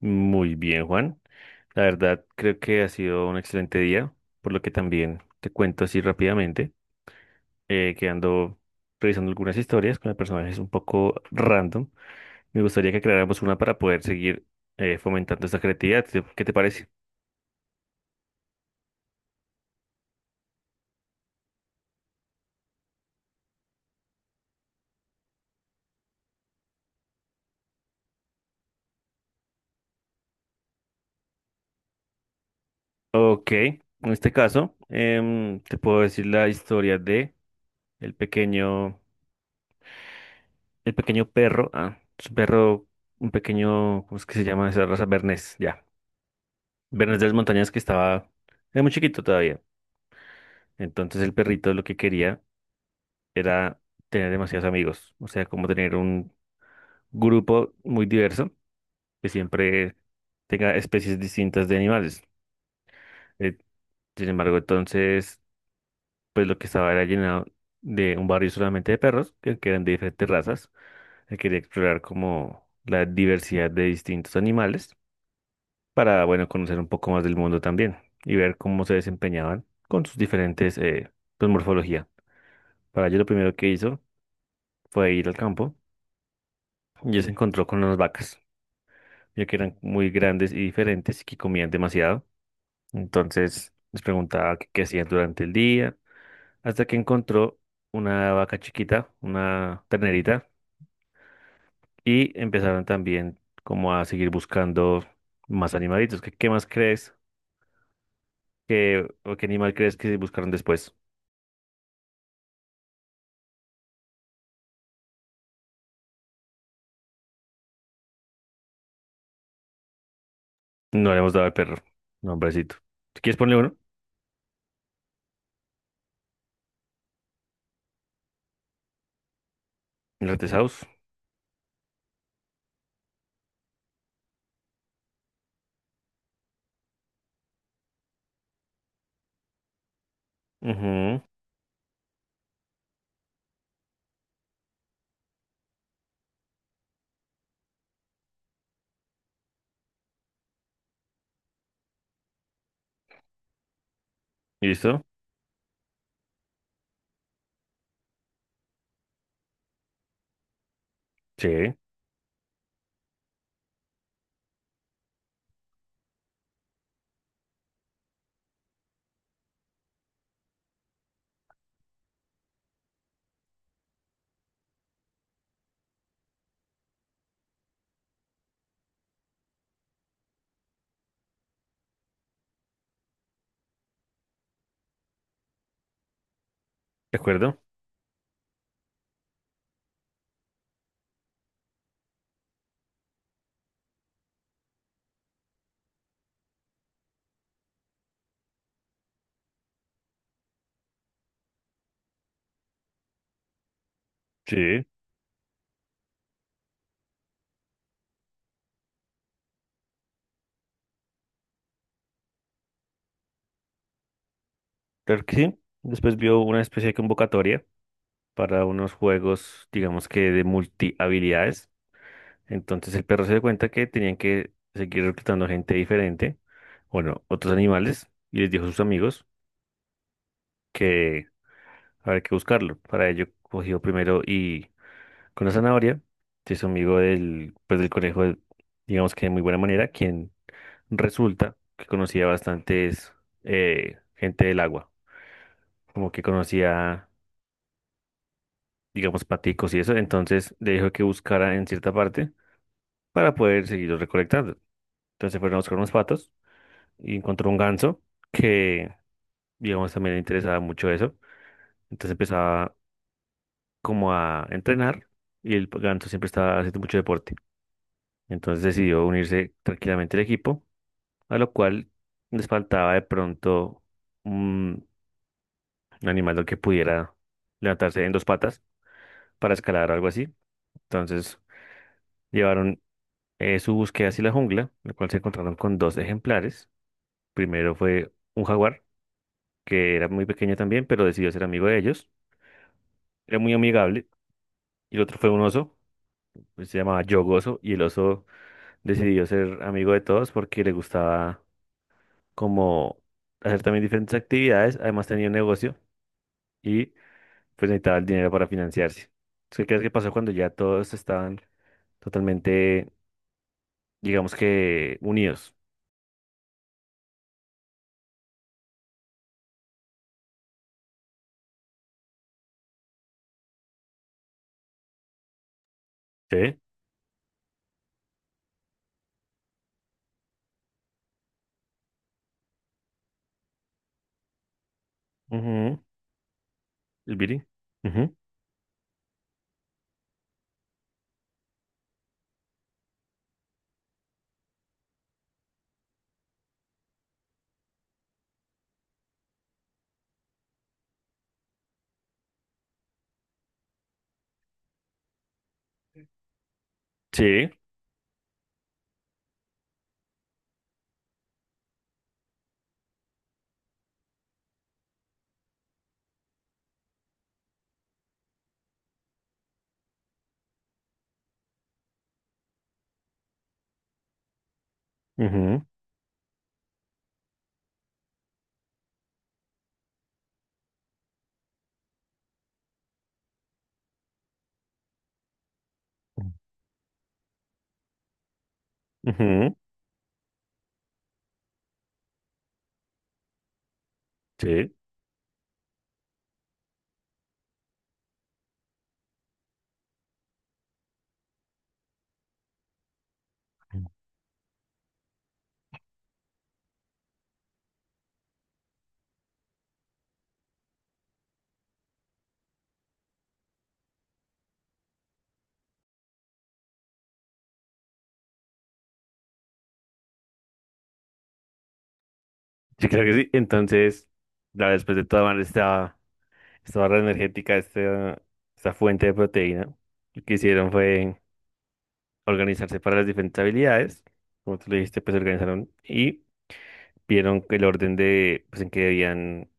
Muy bien, Juan. La verdad, creo que ha sido un excelente día, por lo que también te cuento así rápidamente, que ando revisando algunas historias con personajes un poco random. Me gustaría que creáramos una para poder seguir fomentando esta creatividad. ¿Qué te parece? Ok. En este caso, te puedo decir la historia de el pequeño, el pequeño perro, ah, es un perro, un pequeño, ¿cómo es que se llama esa raza? Bernés, ya. Bernés de las Montañas que estaba, era muy chiquito todavía. Entonces el perrito lo que quería era tener demasiados amigos, o sea, como tener un grupo muy diverso que siempre tenga especies distintas de animales. Eh, Sin embargo, entonces, pues lo que estaba era llenado de un barrio solamente de perros, que eran de diferentes razas. Él quería explorar como la diversidad de distintos animales para, bueno, conocer un poco más del mundo también y ver cómo se desempeñaban con sus diferentes, pues, morfología. Para ello lo primero que hizo fue ir al campo y él se encontró con unas vacas, ya que eran muy grandes y diferentes y que comían demasiado. Entonces les preguntaba qué hacían durante el día, hasta que encontró una vaca chiquita, una ternerita, y empezaron también como a seguir buscando más animalitos. Qué más crees que, o qué animal crees que buscaron después? No le hemos dado al perro, nombrecito. Si quieres ponle uno, el retesaus. Ujú. ¿Listo? Sí, ¿de acuerdo? Sí. Claro que sí. Después vio una especie de convocatoria para unos juegos, digamos que de multi habilidades. Entonces el perro se dio cuenta que tenían que seguir reclutando gente diferente, bueno, otros animales, y les dijo a sus amigos que había que buscarlo. Para ello cogió primero y con la zanahoria, que es amigo del, pues, del conejo, digamos que de muy buena manera, quien resulta que conocía bastantes gente del agua, como que conocía digamos, paticos y eso, entonces le dijo que buscara en cierta parte para poder seguirlos recolectando. Entonces fueron a buscar unos patos y encontró un ganso que, digamos, también le interesaba mucho eso. Entonces empezaba como a entrenar y el ganso siempre estaba haciendo mucho deporte. Entonces decidió unirse tranquilamente al equipo, a lo cual les faltaba de pronto un un animal que pudiera levantarse en dos patas para escalar o algo así. Entonces llevaron su búsqueda hacia la jungla, en la cual se encontraron con dos ejemplares. Primero fue un jaguar, que era muy pequeño también, pero decidió ser amigo de ellos. Era muy amigable. Y el otro fue un oso, pues, se llamaba Yogoso, y el oso decidió ser amigo de todos porque le gustaba como hacer también diferentes actividades. Además tenía un negocio y pues necesitaba el dinero para financiarse. Entonces, ¿qué crees que pasó cuando ya todos estaban totalmente, digamos que, unidos? Sí. Ujú. ¿El biri? Ujú. Sí. Ujú, ujú, sí, yo creo que sí. Entonces, la después de tomar esta, esta barra energética, esta fuente de proteína, lo que hicieron fue organizarse para las diferentes habilidades. Como tú le dijiste, pues se organizaron y vieron el orden de, pues, en que debían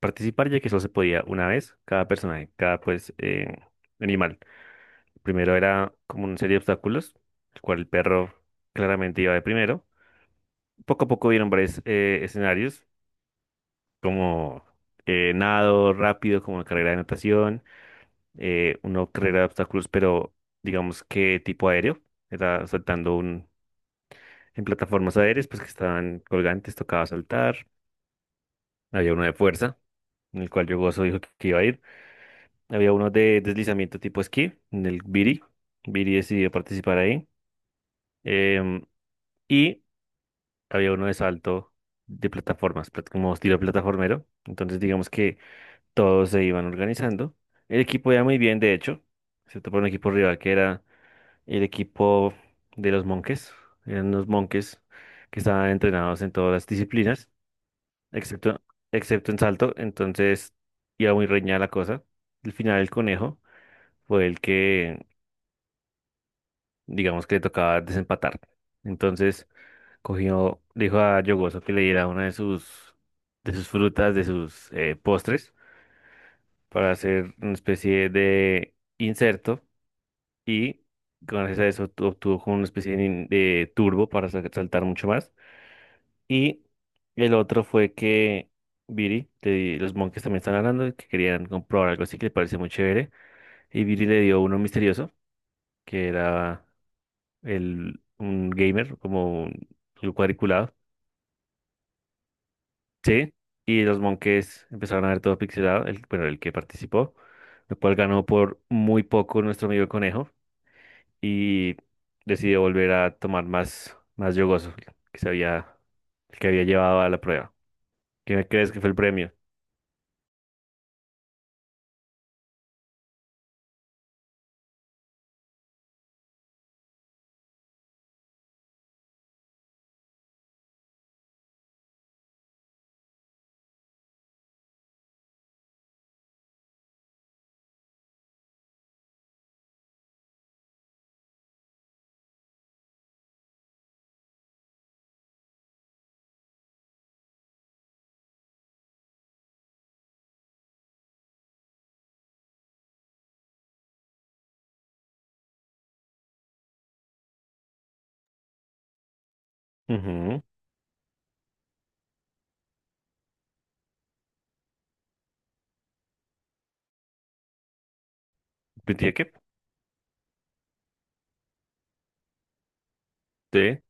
participar, ya que solo se podía una vez cada personaje, cada, pues, animal. Primero era como una serie de obstáculos, el cual el perro claramente iba de primero. Poco a poco vieron varios escenarios como nado rápido, como carrera de natación, uno carrera de obstáculos, pero digamos que tipo aéreo, era saltando un, en plataformas aéreas, pues que estaban colgantes, tocaba saltar, había uno de fuerza, en el cual yo gozo dijo que iba a ir, había uno de deslizamiento tipo esquí, en el Biri, Biri decidió participar ahí, em, y había uno de salto de plataformas, como estilo plataformero, entonces digamos que todos se iban organizando. El equipo iba muy bien, de hecho. Se topó un equipo rival que era el equipo de los monjes. Eran unos monjes que estaban entrenados en todas las disciplinas, excepto, excepto en salto. Entonces iba muy reñida la cosa. Al final el conejo fue el que, digamos que le tocaba desempatar. Entonces cogió, dijo a Yogoso que le diera una de sus frutas, de sus postres, para hacer una especie de inserto y gracias a eso obtuvo como una especie de, de turbo para saltar mucho más. Y el otro fue que Viri, los monjes también están hablando de que querían comprobar algo así que le parece muy chévere. Y Viri le dio uno misterioso, que era el, un gamer, como un cuadriculado. Sí. Y los monjes empezaron a ver todo pixelado, el, bueno, el que participó, lo cual ganó por muy poco nuestro amigo conejo. Y decidió volver a tomar más, más yogoso que se había, que había llevado a la prueba. ¿Qué crees que fue el premio? Ujú. Pensé que- Sí,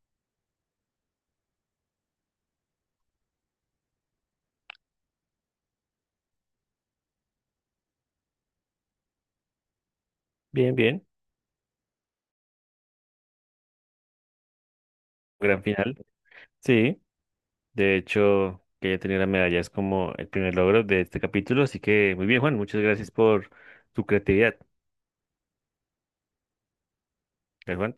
bien, bien. Gran final. Sí, de hecho, que ya tenía la medalla es como el primer logro de este capítulo, así que muy bien, Juan. Muchas gracias por tu creatividad. ¿Eh, Juan?